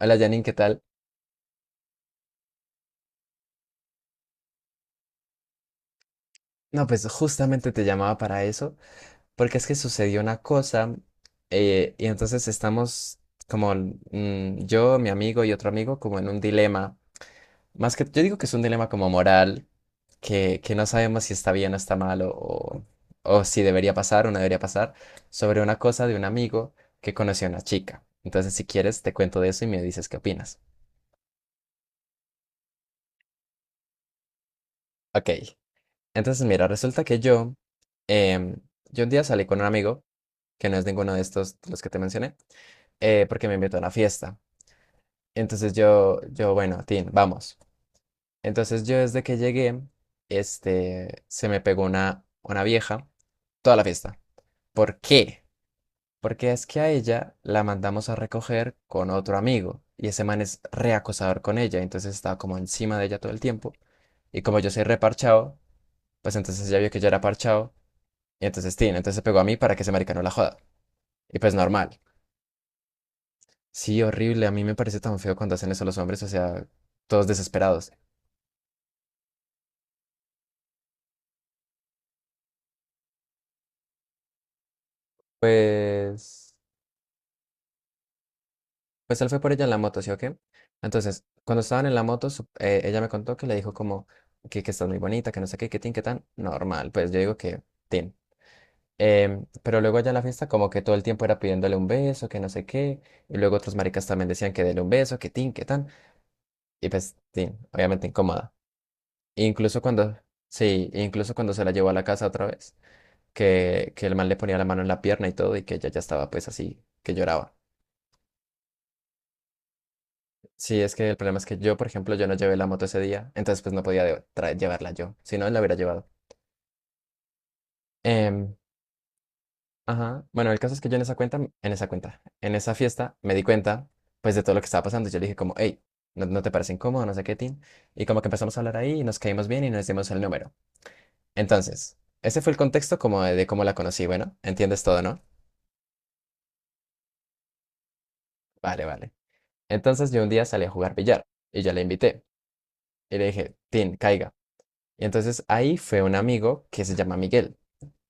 Hola Janine, ¿qué tal? No, pues justamente te llamaba para eso, porque es que sucedió una cosa y entonces estamos como yo, mi amigo y otro amigo como en un dilema, más que yo digo que es un dilema como moral, que no sabemos si está bien o está mal o si debería pasar o no debería pasar, sobre una cosa de un amigo que conoció a una chica. Entonces, si quieres, te cuento de eso y me dices qué opinas. Ok, entonces mira, resulta que em, yo un día salí con un amigo, que no es ninguno de estos, de los que te mencioné, porque me invitó a una fiesta. Entonces bueno, Tin, vamos. Entonces yo desde que llegué, este, se me pegó una vieja toda la fiesta. ¿Por qué? Porque es que a ella la mandamos a recoger con otro amigo y ese man es reacosador con ella, entonces estaba como encima de ella todo el tiempo, y como yo soy reparchado, pues entonces ella vio que yo era parchado, y entonces Tin, entonces se pegó a mí para que ese marica no la joda. Y pues normal. Sí, horrible. A mí me parece tan feo cuando hacen eso los hombres, o sea, todos desesperados. Pues, pues él fue por ella en la moto, ¿sí o qué? Entonces, cuando estaban en la moto, ella me contó que le dijo como que estás muy bonita, que no sé qué, que tin, que tan. Normal, pues yo digo que tin. Pero luego allá en la fiesta como que todo el tiempo era pidiéndole un beso, que no sé qué. Y luego otros maricas también decían que dele un beso, que tin, que tan. Y pues tin, obviamente incómoda. Incluso cuando, sí, incluso cuando se la llevó a la casa otra vez, que el man le ponía la mano en la pierna y todo, y que ella ya estaba pues así, que lloraba. Sí, es que el problema es que yo, por ejemplo, yo no llevé la moto ese día, entonces pues no podía llevarla yo, si no, la hubiera llevado. Em, ajá, bueno, el caso es que yo en esa fiesta me di cuenta pues de todo lo que estaba pasando, y yo le dije como, hey, ¿no te parece incómodo? No sé qué, Tin. Y como que empezamos a hablar ahí y nos caímos bien y nos dimos el número. Entonces, ese fue el contexto como de cómo la conocí, bueno, entiendes todo, ¿no? Vale, vale. Entonces yo un día salí a jugar billar y yo la invité. Y le dije, Tin, caiga. Y entonces ahí fue un amigo que se llama Miguel.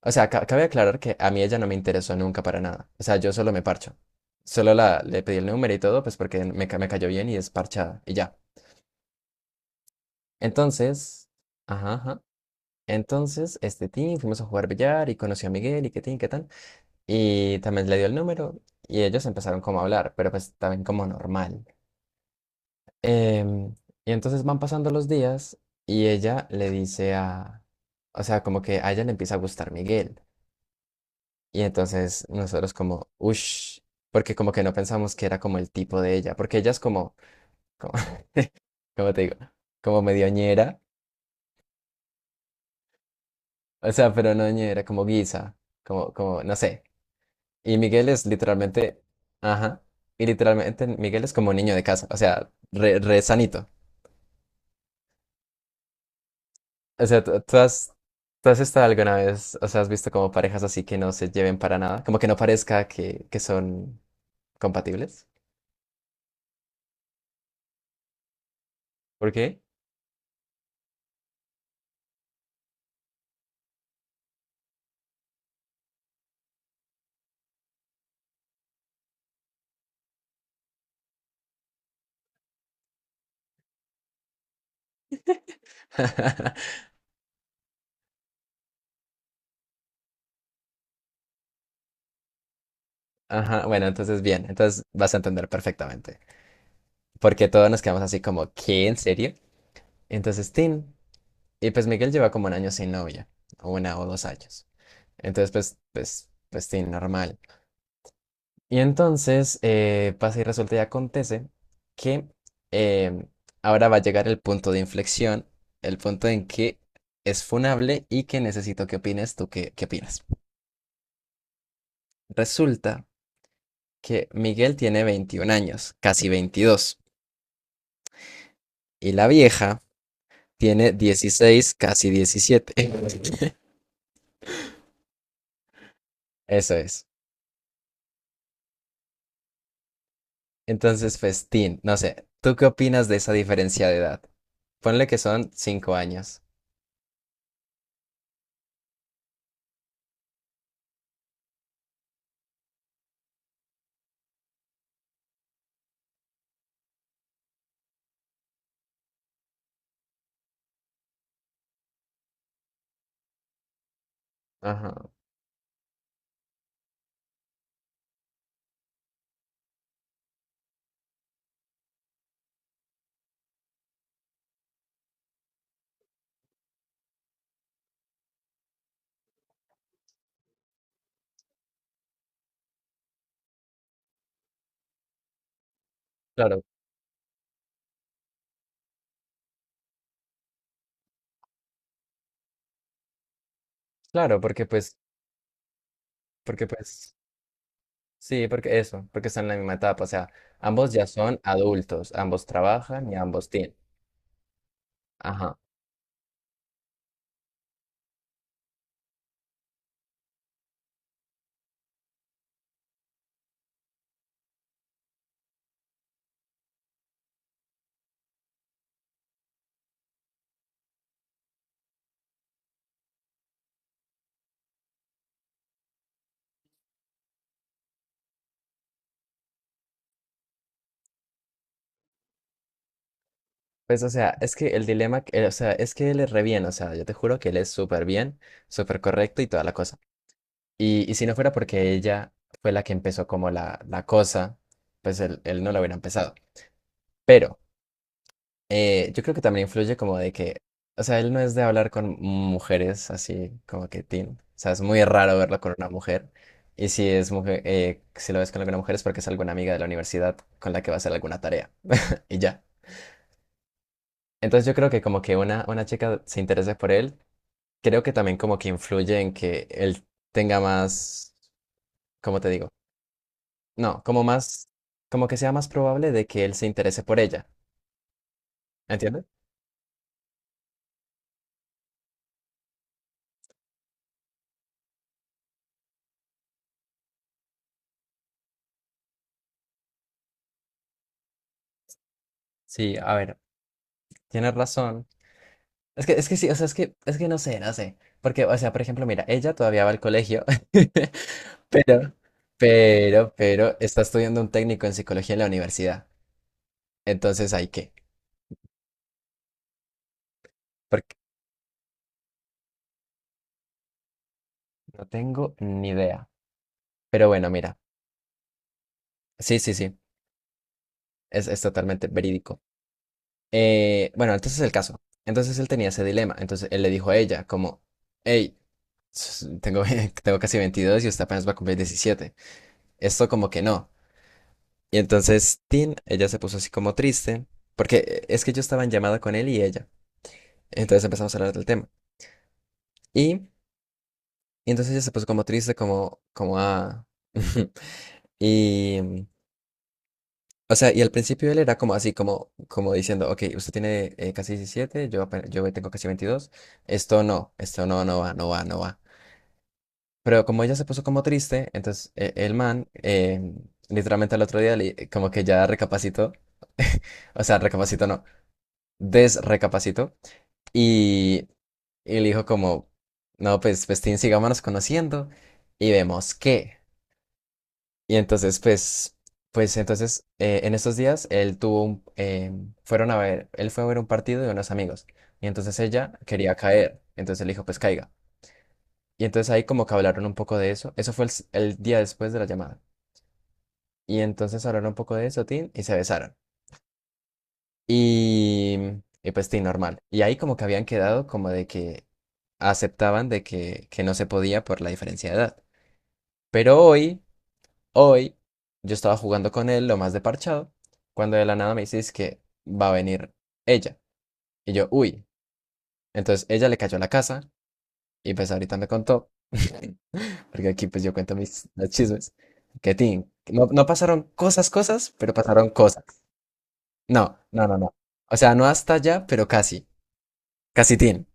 O sea, cabe aclarar que a mí ella no me interesó nunca para nada. O sea, yo solo me parcho. Solo le pedí el número y todo, pues porque me cayó bien y es parchada. Y ya. Entonces, ajá, ajá. Entonces, este Tin, fuimos a jugar billar y conocí a Miguel y qué Tin, qué tan. Y también le dio el número y ellos empezaron como a hablar, pero pues también como normal. Em, y entonces van pasando los días y ella le dice a, o sea, como que a ella le empieza a gustar Miguel. Y entonces nosotros como, ush, porque como que no pensamos que era como el tipo de ella, porque ella es como, como, ¿cómo te digo? Como medio ñera, o sea, pero no ñera, como guisa, no sé. Y Miguel es literalmente, ajá, y literalmente Miguel es como un niño de casa, o sea, re sanito. O sea, tú has estado alguna vez, o sea, has visto como parejas así que no se lleven para nada, como que no parezca que son compatibles. ¿Por qué? Ajá, bueno, entonces bien, entonces vas a entender perfectamente. Porque todos nos quedamos así como, ¿qué? ¿En serio? Entonces, Tin. Y pues Miguel lleva como un año sin novia, o una o 2 años. Entonces, pues, Tin, normal. Y entonces pasa y resulta y acontece que em, ahora va a llegar el punto de inflexión, el punto en que es funable y que necesito que opines tú, ¿qué opinas? Resulta que Miguel tiene 21 años, casi 22, y la vieja tiene 16, casi 17. Eso es. Entonces, festín, no sé, ¿tú qué opinas de esa diferencia de edad? Ponle que son 5 años. Ajá, claro, claro, Porque pues, sí, porque están en la misma etapa, o sea, ambos ya son adultos, ambos trabajan y ambos tienen. Ajá. Pues, o sea, es que el dilema, o sea, es que él es re bien, o sea, yo te juro que él es súper bien, súper correcto y toda la cosa. Y si no fuera porque ella fue la que empezó como la cosa, pues él no lo hubiera empezado. Pero yo creo que también influye como de que, o sea, él no es de hablar con mujeres así como que teen. O sea, es muy raro verlo con una mujer. Y si es mujer, si lo ves con alguna mujer es porque es alguna amiga de la universidad con la que va a hacer alguna tarea. Y ya. Entonces yo creo que como que una chica se interese por él, creo que también como que influye en que él tenga más, ¿cómo te digo? No, como más, como que sea más probable de que él se interese por ella. ¿Entiendes? Sí, a ver, tienes razón. Es que sí, o sea, es que no sé, no sé. Porque, o sea, por ejemplo, mira, ella todavía va al colegio, pero, pero, está estudiando un técnico en psicología en la universidad. Entonces, ¿hay qué? Porque no tengo ni idea. Pero bueno, mira, sí, sí, sí, es totalmente verídico. Bueno, entonces el caso. Entonces él tenía ese dilema. Entonces él le dijo a ella, como, hey, s- tengo, tengo casi 22 y usted apenas va a cumplir 17. Esto como que no. Y entonces Tin, ella se puso así como triste, porque es que yo estaba en llamada con él y ella. Entonces empezamos a hablar del tema. Y, y entonces ella se puso como triste, como ah. Y, o sea, y al principio él era como así, como diciendo, ok, usted tiene casi 17, yo, yo tengo casi 22, esto no, no va, no va, no va. Pero como ella se puso como triste, entonces el man, literalmente al otro día, como que ya recapacitó, o sea, recapacitó no, desrecapacitó. Y, y le dijo como, no, pues, Tin, sigámonos conociendo y vemos qué. Y entonces, entonces, en estos días, él tuvo fueron a ver, él fue a ver un partido de unos amigos. Y entonces ella quería caer. Entonces le dijo, pues, caiga. Y entonces ahí como que hablaron un poco de eso. Eso fue el día después de la llamada. Y entonces hablaron un poco de eso, Tin, y se besaron. Y, y pues sí, normal. Y ahí como que habían quedado como de que aceptaban de que no se podía por la diferencia de edad. Pero hoy, hoy, yo estaba jugando con él lo más de parchado, cuando de la nada me dices que va a venir ella. Y yo, uy. Entonces ella le cayó a la casa y pues ahorita me contó, porque aquí pues yo cuento mis los chismes, que tin, no, no pasaron cosas, cosas, pero pasaron cosas. No, no, no, no. O sea, no hasta allá, pero casi, casi tin.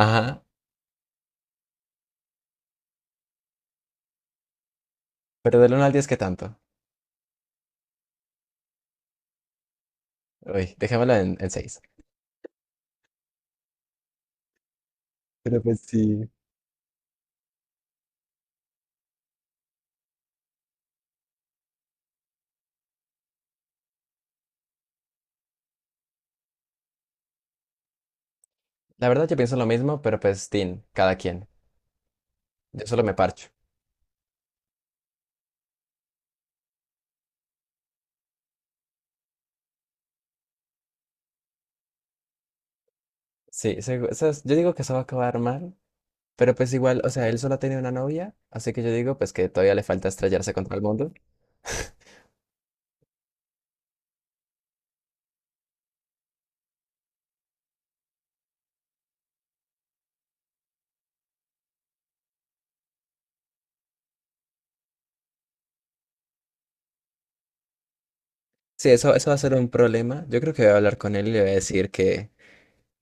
Ajá. Pero del 1 al 10, ¿qué tanto? Uy, dejémoslo en, 6. Pero pues sí. La verdad yo pienso lo mismo, pero pues tin, cada quien. Yo solo me parcho. Sí, yo digo que eso va a acabar mal, pero pues igual, o sea, él solo ha tenido una novia, así que yo digo pues que todavía le falta estrellarse contra el mundo. Sí, eso va a ser un problema. Yo creo que voy a hablar con él y le voy a decir que,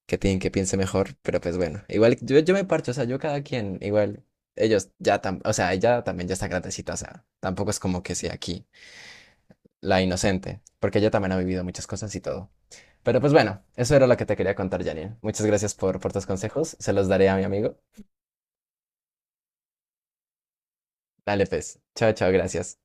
que tin, que piense mejor, pero pues bueno, igual yo me parcho, o sea, yo cada quien, igual, ellos ya, o sea, ella también ya está grandecita, o sea, tampoco es como que sea aquí la inocente, porque ella también ha vivido muchas cosas y todo. Pero pues bueno, eso era lo que te quería contar, Janine. Muchas gracias por tus consejos. Se los daré a mi amigo. Dale, pues. Chao, chao, gracias.